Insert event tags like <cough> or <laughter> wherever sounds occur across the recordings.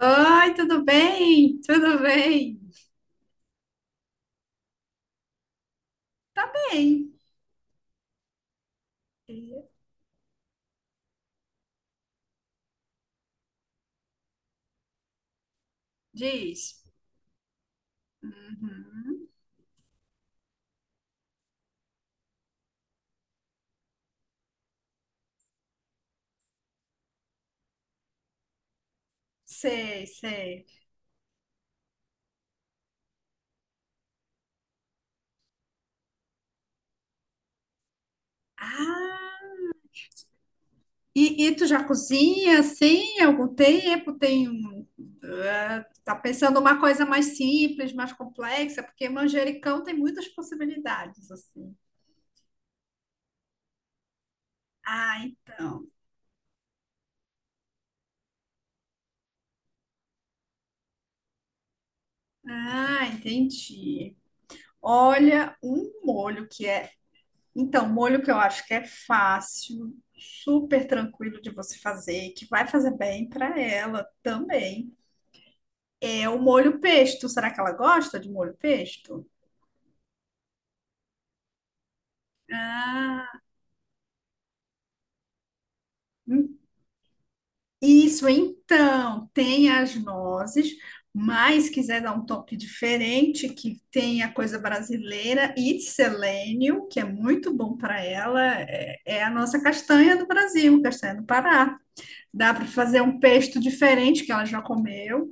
Oi, tudo bem? Tudo bem? Tá bem. Diz. Uhum. Sei, sei. Ah, e tu já cozinha, sim, há algum tempo? Tá pensando uma coisa mais simples, mais complexa, porque manjericão tem muitas possibilidades, assim. Ah, então. Ah, entendi. Olha, um molho que é Então, molho que eu acho que é fácil, super tranquilo de você fazer, que vai fazer bem para ela também. É o molho pesto. Será que ela gosta de molho pesto? Hum, Isso, então, tem as nozes, mas quiser dar um toque diferente, que tem a coisa brasileira e selênio, que é muito bom para ela, é a nossa castanha do Brasil, castanha do Pará. Dá para fazer um pesto diferente que ela já comeu.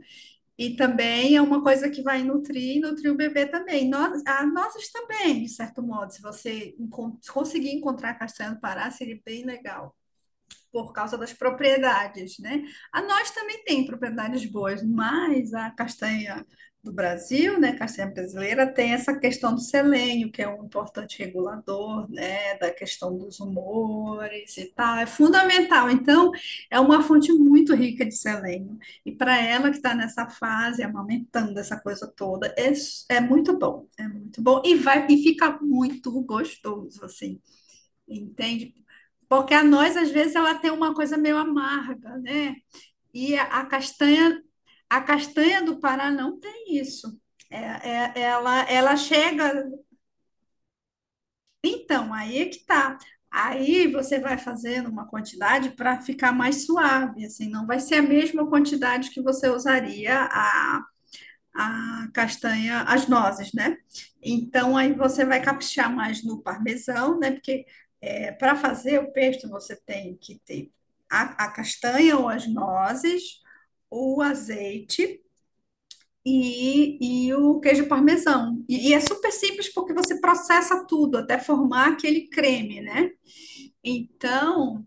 E também é uma coisa que vai nutrir e nutrir o bebê também. Nós, a nozes também, de certo modo, se você conseguir encontrar castanha do Pará, seria bem legal por causa das propriedades, né? A nós também tem propriedades boas, mas a castanha do Brasil, né, castanha brasileira, tem essa questão do selênio, que é um importante regulador, né, da questão dos humores e tal, é fundamental. Então, é uma fonte muito rica de selênio. E para ela que está nessa fase, amamentando essa coisa toda, é muito bom e vai e fica muito gostoso, assim, entende? Porque a noz, às vezes, ela tem uma coisa meio amarga, né? E a castanha, a castanha do Pará não tem isso. É, ela, ela chega. Então, aí é que tá. Aí você vai fazendo uma quantidade para ficar mais suave, assim, não vai ser a mesma quantidade que você usaria a castanha, as nozes, né? Então aí você vai caprichar mais no parmesão, né? Porque para fazer o pesto você tem que ter a castanha ou as nozes, o azeite e o queijo parmesão. E é super simples porque você processa tudo até formar aquele creme, né? Então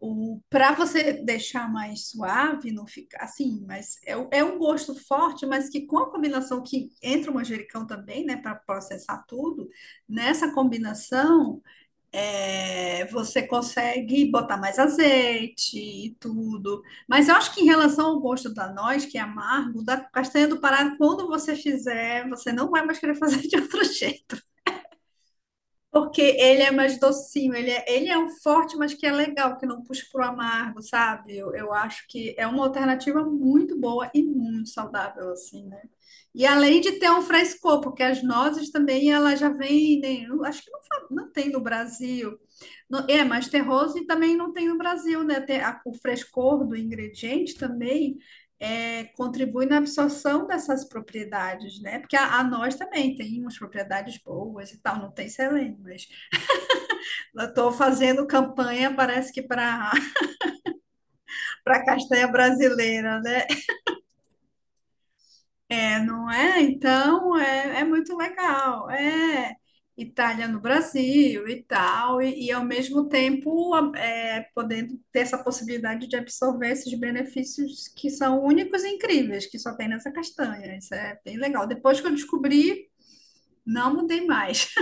o, para você deixar mais suave, não ficar assim, é um gosto forte, mas que com a combinação que entra o manjericão também, né, para processar tudo, nessa combinação você consegue botar mais azeite e tudo. Mas eu acho que em relação ao gosto da noz, que é amargo, da castanha do Pará, quando você fizer, você não vai mais querer fazer <laughs> de outro jeito. Porque ele é mais docinho, ele é um forte, mas que é legal, que não puxa pro amargo, sabe? Eu acho que é uma alternativa muito boa e muito saudável, assim, né? E além de ter um frescor, porque as nozes também, elas já vendem, eu acho que não, não tem no Brasil. É mais terroso e também não tem no Brasil, né? Tem o frescor do ingrediente também contribui na absorção dessas propriedades, né? Porque a nós também tem umas propriedades boas e tal, não tem selênio, mas eu estou fazendo campanha, parece que para <laughs> para castanha brasileira, né? É, não é? Então é muito legal, é Itália no Brasil e tal, e ao mesmo tempo podendo ter essa possibilidade de absorver esses benefícios que são únicos e incríveis, que só tem nessa castanha. Isso é bem legal. Depois que eu descobri, não mudei mais.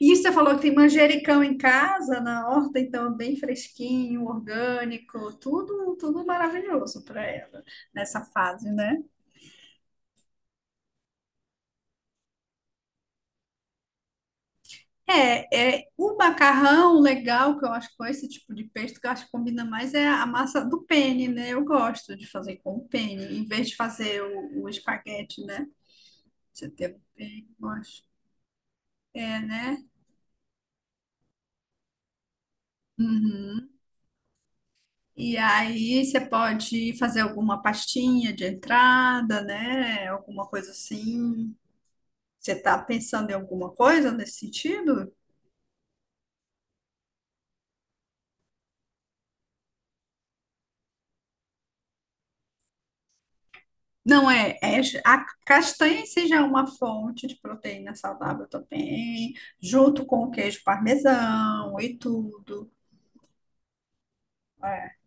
E você falou que tem manjericão em casa, na horta, então é bem fresquinho, orgânico, tudo, tudo maravilhoso para ela nessa fase, né? É, é o macarrão legal que eu acho com esse tipo de pesto que eu acho que combina mais é a massa do penne, né? Eu gosto de fazer com o penne, em vez de fazer o espaguete, né? Você tem o penne, eu acho. É, né? Uhum. E aí você pode fazer alguma pastinha de entrada, né? Alguma coisa assim. Você está pensando em alguma coisa nesse sentido? Não é, a castanha em si já é uma fonte de proteína saudável também, junto com o queijo parmesão e tudo, né?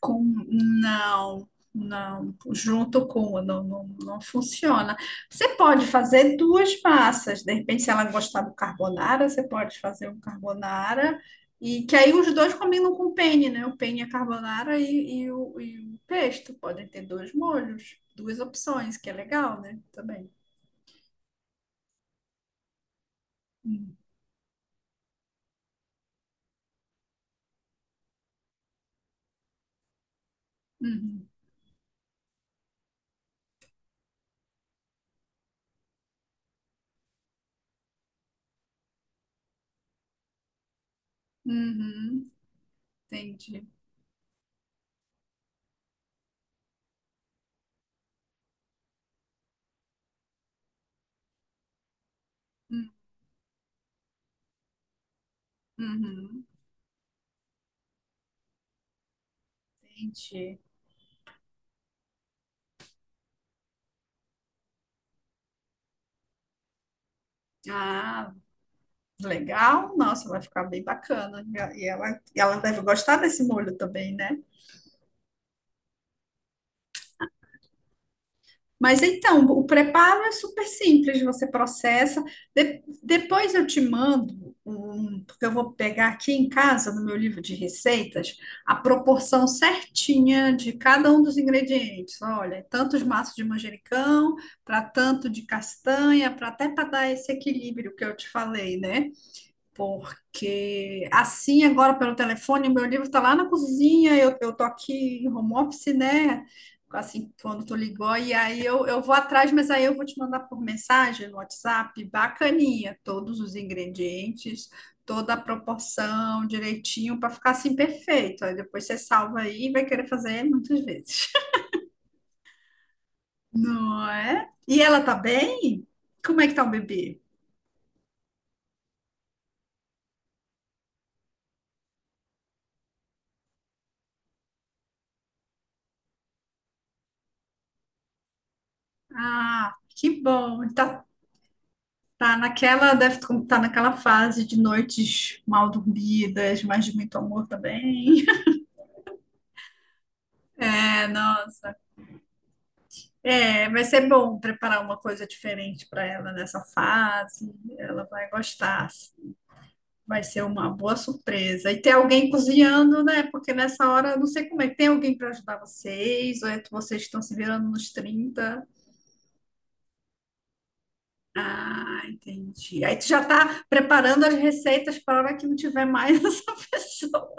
Com, não, não, não, não, não funciona. Você pode fazer duas massas, de repente, se ela gostar do carbonara, você pode fazer um carbonara, e que aí os dois combinam com o penne, né? O penne é carbonara e e o pesto, podem ter dois molhos, duas opções, que é legal, né? Também. Hum. Uhum, uhum, entendi. Hum. Uhum, entendi. Ah, legal, nossa, vai ficar bem bacana. E ela, e ela deve gostar desse molho também, né? Mas então, o preparo é super simples, você processa. Depois eu te mando um, porque eu vou pegar aqui em casa, no meu livro de receitas, a proporção certinha de cada um dos ingredientes. Olha, tantos maços de manjericão, para tanto de castanha, para até para dar esse equilíbrio que eu te falei, né? Porque assim, agora pelo telefone, o meu livro está lá na cozinha, eu tô aqui em home office, né? Assim, quando tu ligou, e aí eu vou atrás, mas aí eu vou te mandar por mensagem no WhatsApp, bacaninha, todos os ingredientes, toda a proporção, direitinho, para ficar assim perfeito. Aí depois você salva aí e vai querer fazer muitas vezes. <laughs> Não é? E ela tá bem? Como é que tá o bebê? Ah, que bom. Ele tá tá naquela, deve estar naquela fase de noites mal dormidas, mas de muito amor também. <laughs> É, não, é, vai ser bom preparar uma coisa diferente para ela nessa fase. Ela vai gostar. Vai ser uma boa surpresa. E ter alguém cozinhando, né? Porque nessa hora eu não sei como é. Tem alguém para ajudar vocês? Ou é que vocês estão se virando nos trinta. Ah, entendi. Aí tu já tá preparando as receitas para a hora que não tiver mais <laughs> essa pessoa.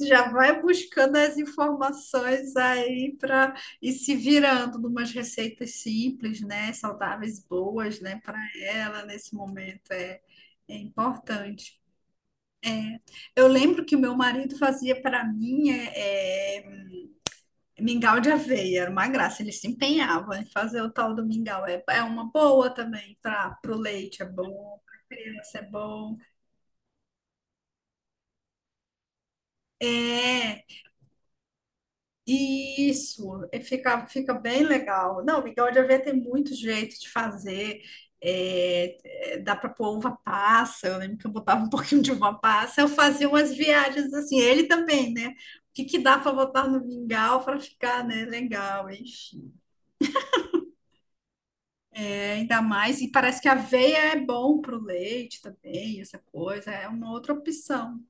Já vai buscando as informações aí para e se virando numas receitas simples, né? Saudáveis, boas, né? Para ela nesse momento é importante. Eu lembro que o meu marido fazia para mim mingau de aveia, era uma graça. Ele se empenhava em fazer o tal do mingau. É, é uma boa também para o leite, é bom, para criança é bom. É, isso, é fica, fica bem legal. Não, migão de aveia tem muito jeito de fazer. É, é, dá para pôr uva passa. Eu lembro que eu botava um <laughs> pouquinho de uva passa. Eu fazia umas viagens assim. Ele também, né? O que que dá para botar no mingau para ficar, né? Legal, enfim. É, ainda mais. E parece que a aveia é bom para o leite também, essa coisa. É uma outra opção.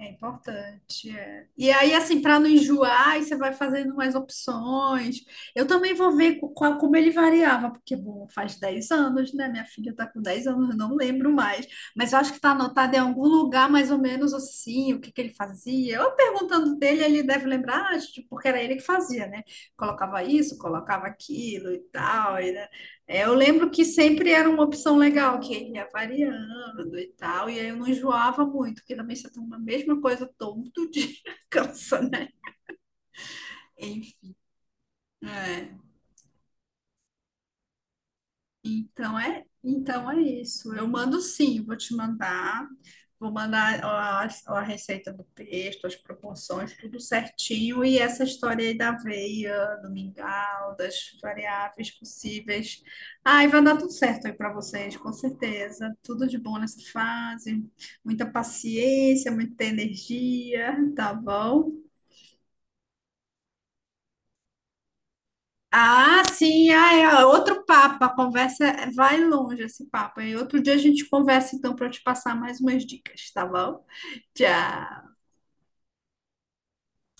É importante, é. E aí, assim, para não enjoar, aí você vai fazendo mais opções. Eu também vou ver como ele variava, porque, bom, faz 10 anos, né? Minha filha tá com 10 anos, eu não lembro mais. Mas eu acho que tá anotado em algum lugar, mais ou menos assim, o que que ele fazia. Eu perguntando dele, ele deve lembrar, ah, tipo, porque era ele que fazia, né? Colocava isso, colocava aquilo e tal. É, eu lembro que sempre era uma opção legal, que ele ia variando e tal, e aí eu não enjoava muito, porque também você toma a mesma coisa todo dia, <laughs> cansa, né? Enfim, é. Então então é isso. Eu mando sim, vou te mandar. Vou mandar a receita do pesto, as proporções, tudo certinho. E essa história aí da aveia, do mingau, das variáveis possíveis. Ai, vai dar tudo certo aí para vocês, com certeza. Tudo de bom nessa fase. Muita paciência, muita energia, tá bom? Ah, sim, ah, é outro papo. A conversa vai longe esse papo. E outro dia a gente conversa então para eu te passar mais umas dicas, tá bom? Tchau.